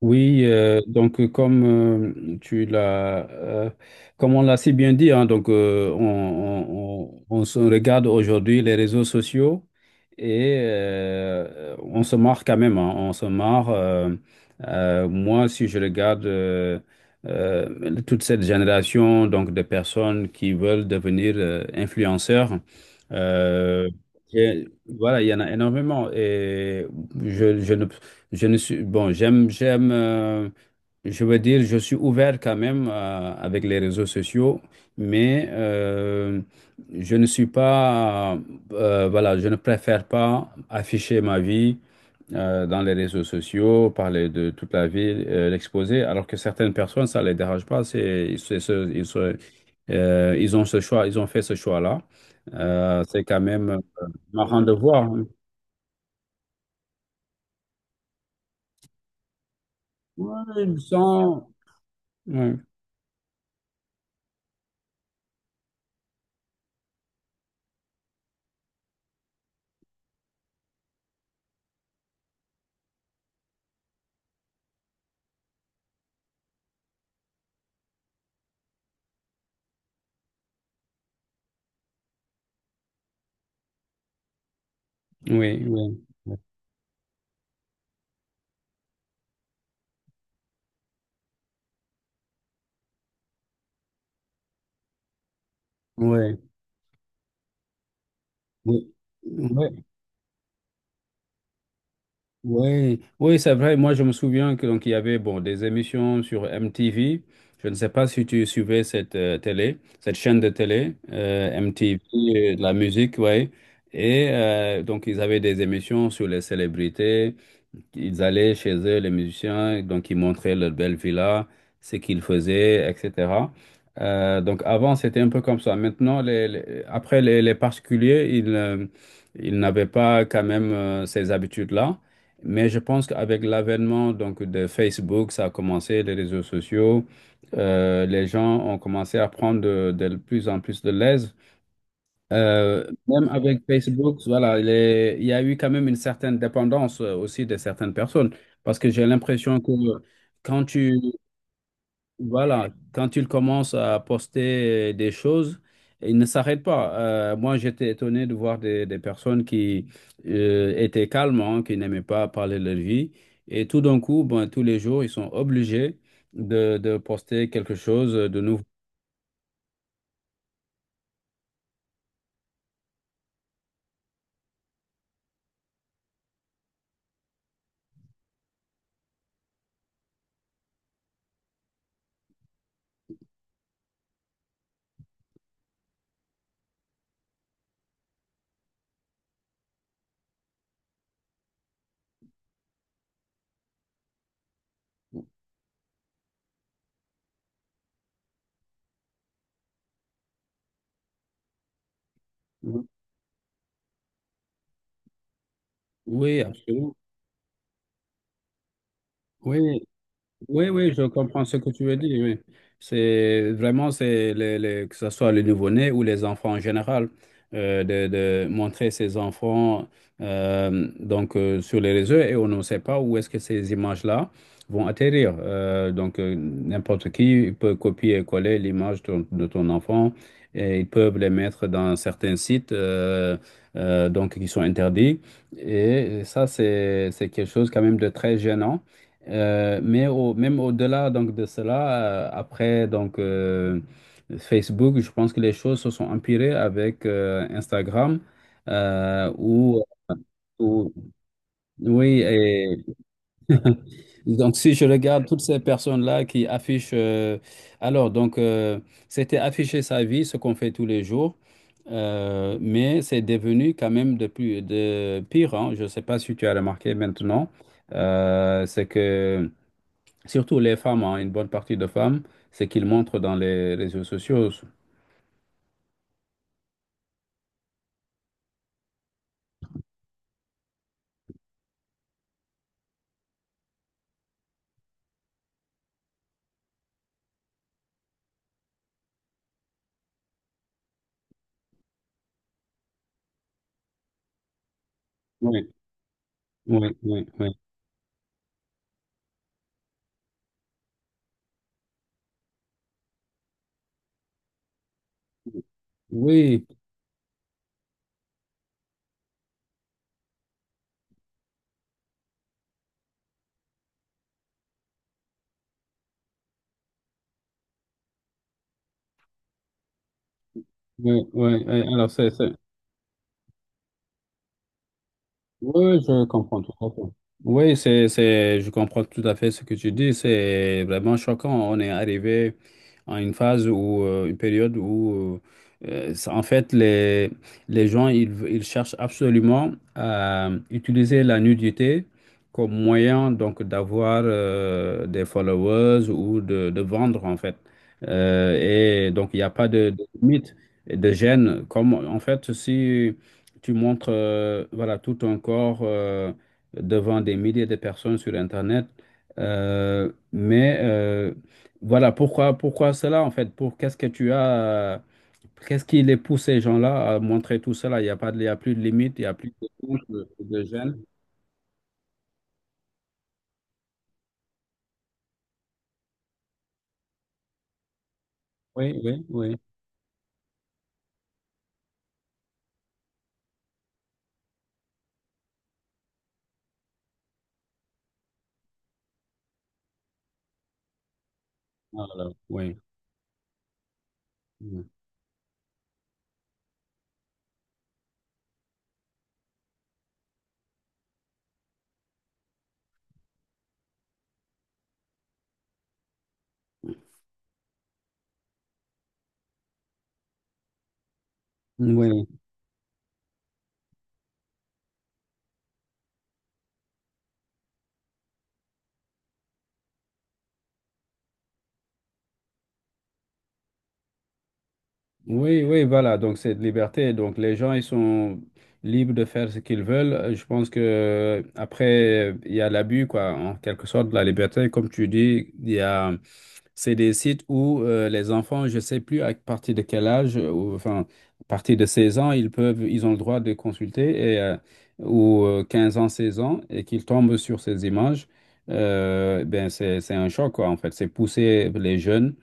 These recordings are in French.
Oui, donc comme tu l'as, comme on l'a si bien dit, hein, donc on se regarde aujourd'hui les réseaux sociaux et on se marre quand même, hein, on se marre. Moi, si je regarde toute cette génération donc de personnes qui veulent devenir influenceurs, euh, et voilà, il y en a énormément et je, je ne je ne suis, bon, je veux dire, je suis ouvert quand même avec les réseaux sociaux, mais je ne suis pas, voilà, je ne préfère pas afficher ma vie dans les réseaux sociaux, parler de toute la vie, l'exposer, alors que certaines personnes, ça les dérange pas, c'est ce- ils, se- ils ont ce choix, ils ont fait ce choix-là. C'est quand même marrant de voir. Ouais, ouais. Oui, oui, oui, oui, oui, oui, oui, c'est vrai. Moi, je me souviens que donc il y avait bon des émissions sur MTV. Je ne sais pas si tu suivais cette télé, cette chaîne de télé MTV, de la musique, ouais. Et donc ils avaient des émissions sur les célébrités. Ils allaient chez eux, les musiciens, donc ils montraient leur belle villa, ce qu'ils faisaient, etc. Donc avant, c'était un peu comme ça. Maintenant, après, les particuliers, ils n'avaient pas quand même ces habitudes-là. Mais je pense qu'avec l'avènement donc, de Facebook, ça a commencé, les réseaux sociaux, les gens ont commencé à prendre de plus en plus de l'aise même avec Facebook, voilà, il y a eu quand même une certaine dépendance aussi de certaines personnes. Parce que j'ai l'impression que quand tu, voilà, quand ils commencent à poster des choses, ils ne s'arrêtent pas. Moi, j'étais étonné de voir des personnes qui étaient calmes, hein, qui n'aimaient pas parler de leur vie. Et tout d'un coup, ben, tous les jours, ils sont obligés de poster quelque chose de nouveau. Oui, absolument. Oui, oui, oui, je comprends ce que tu veux dire. Oui. C'est vraiment, c'est les- Que ce soit les nouveau-nés ou les enfants en général, de montrer ces enfants sur les réseaux et on ne sait pas où est-ce que ces images-là vont atterrir. N'importe qui peut copier et coller l'image de ton enfant et ils peuvent les mettre dans certains sites donc qui sont interdits. Et ça, c'est quelque chose quand même de très gênant. Mais même au-delà donc de cela, après donc Facebook, je pense que les choses se sont empirées avec Instagram euh, où, où- oui et donc si je regarde toutes ces personnes-là qui affichent alors donc euh, c'était afficher sa vie, ce qu'on fait tous les jours. Mais c'est devenu quand même de plus de pire, hein. Je ne sais pas si tu as remarqué maintenant, c'est que surtout les femmes, hein, une bonne partie de femmes, c'est qu'ils montrent dans les réseaux sociaux. Oui, oui, oui, oui. Oui, oui, oui, oui. Alors, oui, je comprends tout à fait. Oui, je comprends tout à fait ce que tu dis. C'est vraiment choquant. On est arrivé à une phase ou une période où, en fait, les gens, ils cherchent absolument à utiliser la nudité comme moyen donc d'avoir des followers ou de vendre, en fait. Euh, et donc, il n'y a pas de limite, et de gêne. Comme, en fait, si... tu montres voilà, tout ton corps devant des milliers de personnes sur Internet. Euh, mais euh, voilà, pourquoi cela en fait? Pour qu'est-ce que tu as, qu'est-ce qui les pousse ces gens-là à montrer tout cela? Il n'y a pas de, Il y a plus de limite, il n'y a plus de, honte, de gêne. Oui, oui, oui. Voilà, oui. Oui. Oui, oui, voilà. Donc, cette liberté. Donc, les gens, ils sont libres de faire ce qu'ils veulent. Je pense que après, il y a l'abus, quoi, en quelque sorte, de la liberté. Comme tu dis, c'est des sites où les enfants, je sais plus à partir de quel âge, ou, enfin, à partir de 16 ans, ils ont le droit de consulter et, ou 15 ans, 16 ans, et qu'ils tombent sur ces images. Ben, c'est un choc, quoi, en fait. C'est pousser les jeunes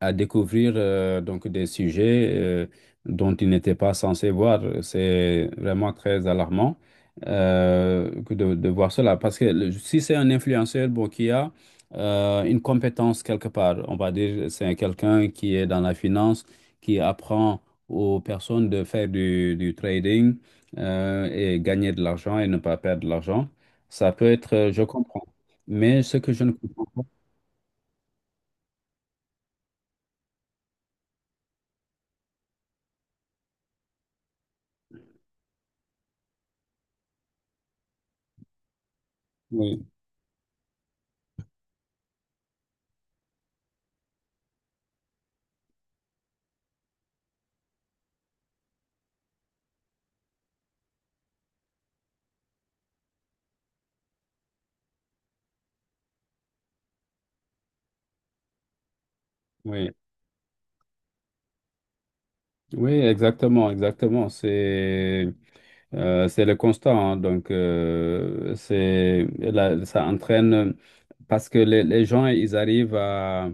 à découvrir donc des sujets dont ils n'étaient pas censés voir. C'est vraiment très alarmant que de voir cela. Parce que si c'est un influenceur bon, qui a une compétence quelque part, on va dire c'est quelqu'un qui est dans la finance, qui apprend aux personnes de faire du trading et gagner de l'argent et ne pas perdre de l'argent, ça peut être, je comprends. Mais ce que je ne comprends pas, oui, oui. Oui, exactement, exactement. C'est le constat, hein. Donc, là, ça entraîne parce que les gens, ils arrivent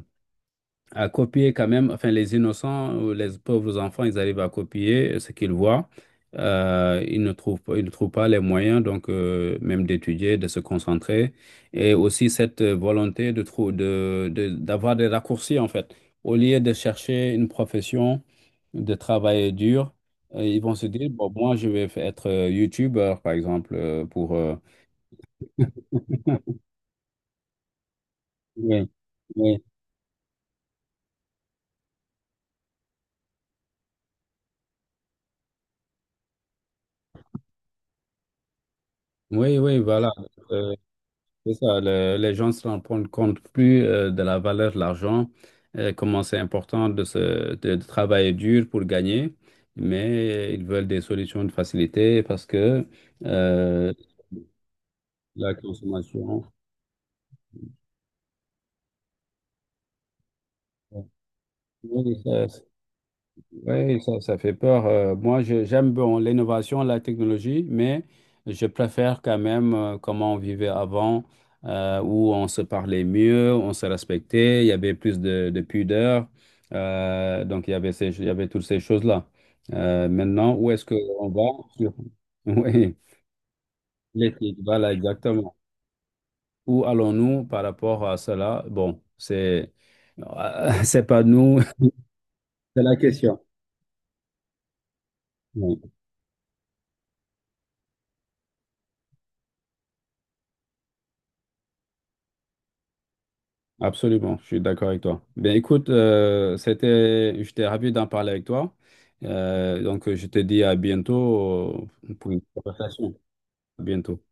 à copier quand même, enfin les innocents ou les pauvres enfants, ils arrivent à copier ce qu'ils voient. Ils ne trouvent pas les moyens, donc même d'étudier, de se concentrer, et aussi cette volonté de trou- de- d'avoir des raccourcis en fait. Au lieu de chercher une profession, de travailler dur, ils vont se dire, bon, moi je vais être youtubeur par exemple pour. Oui, oui, oui, oui, voilà. Euh, C'est ça, les gens se rendent compte plus de la valeur de l'argent, comment c'est important de travailler dur pour gagner, mais ils veulent des solutions de facilité parce que euh, la consommation. Oui, ça fait peur. Moi, j'aime bon, l'innovation, la technologie, mais je préfère quand même comment on vivait avant, où on se parlait mieux, on se respectait, il y avait plus de pudeur. Donc, il y avait toutes ces choses-là. Maintenant, où est-ce qu'on va? sur- Oui, l'éthique, voilà, exactement. Où allons-nous par rapport à cela? Bon, c'est pas nous, c'est la question. Oui. Absolument, je suis d'accord avec toi. Ben écoute, j'étais ravi d'en parler avec toi. Donc je te dis à bientôt pour une conversation. À bientôt.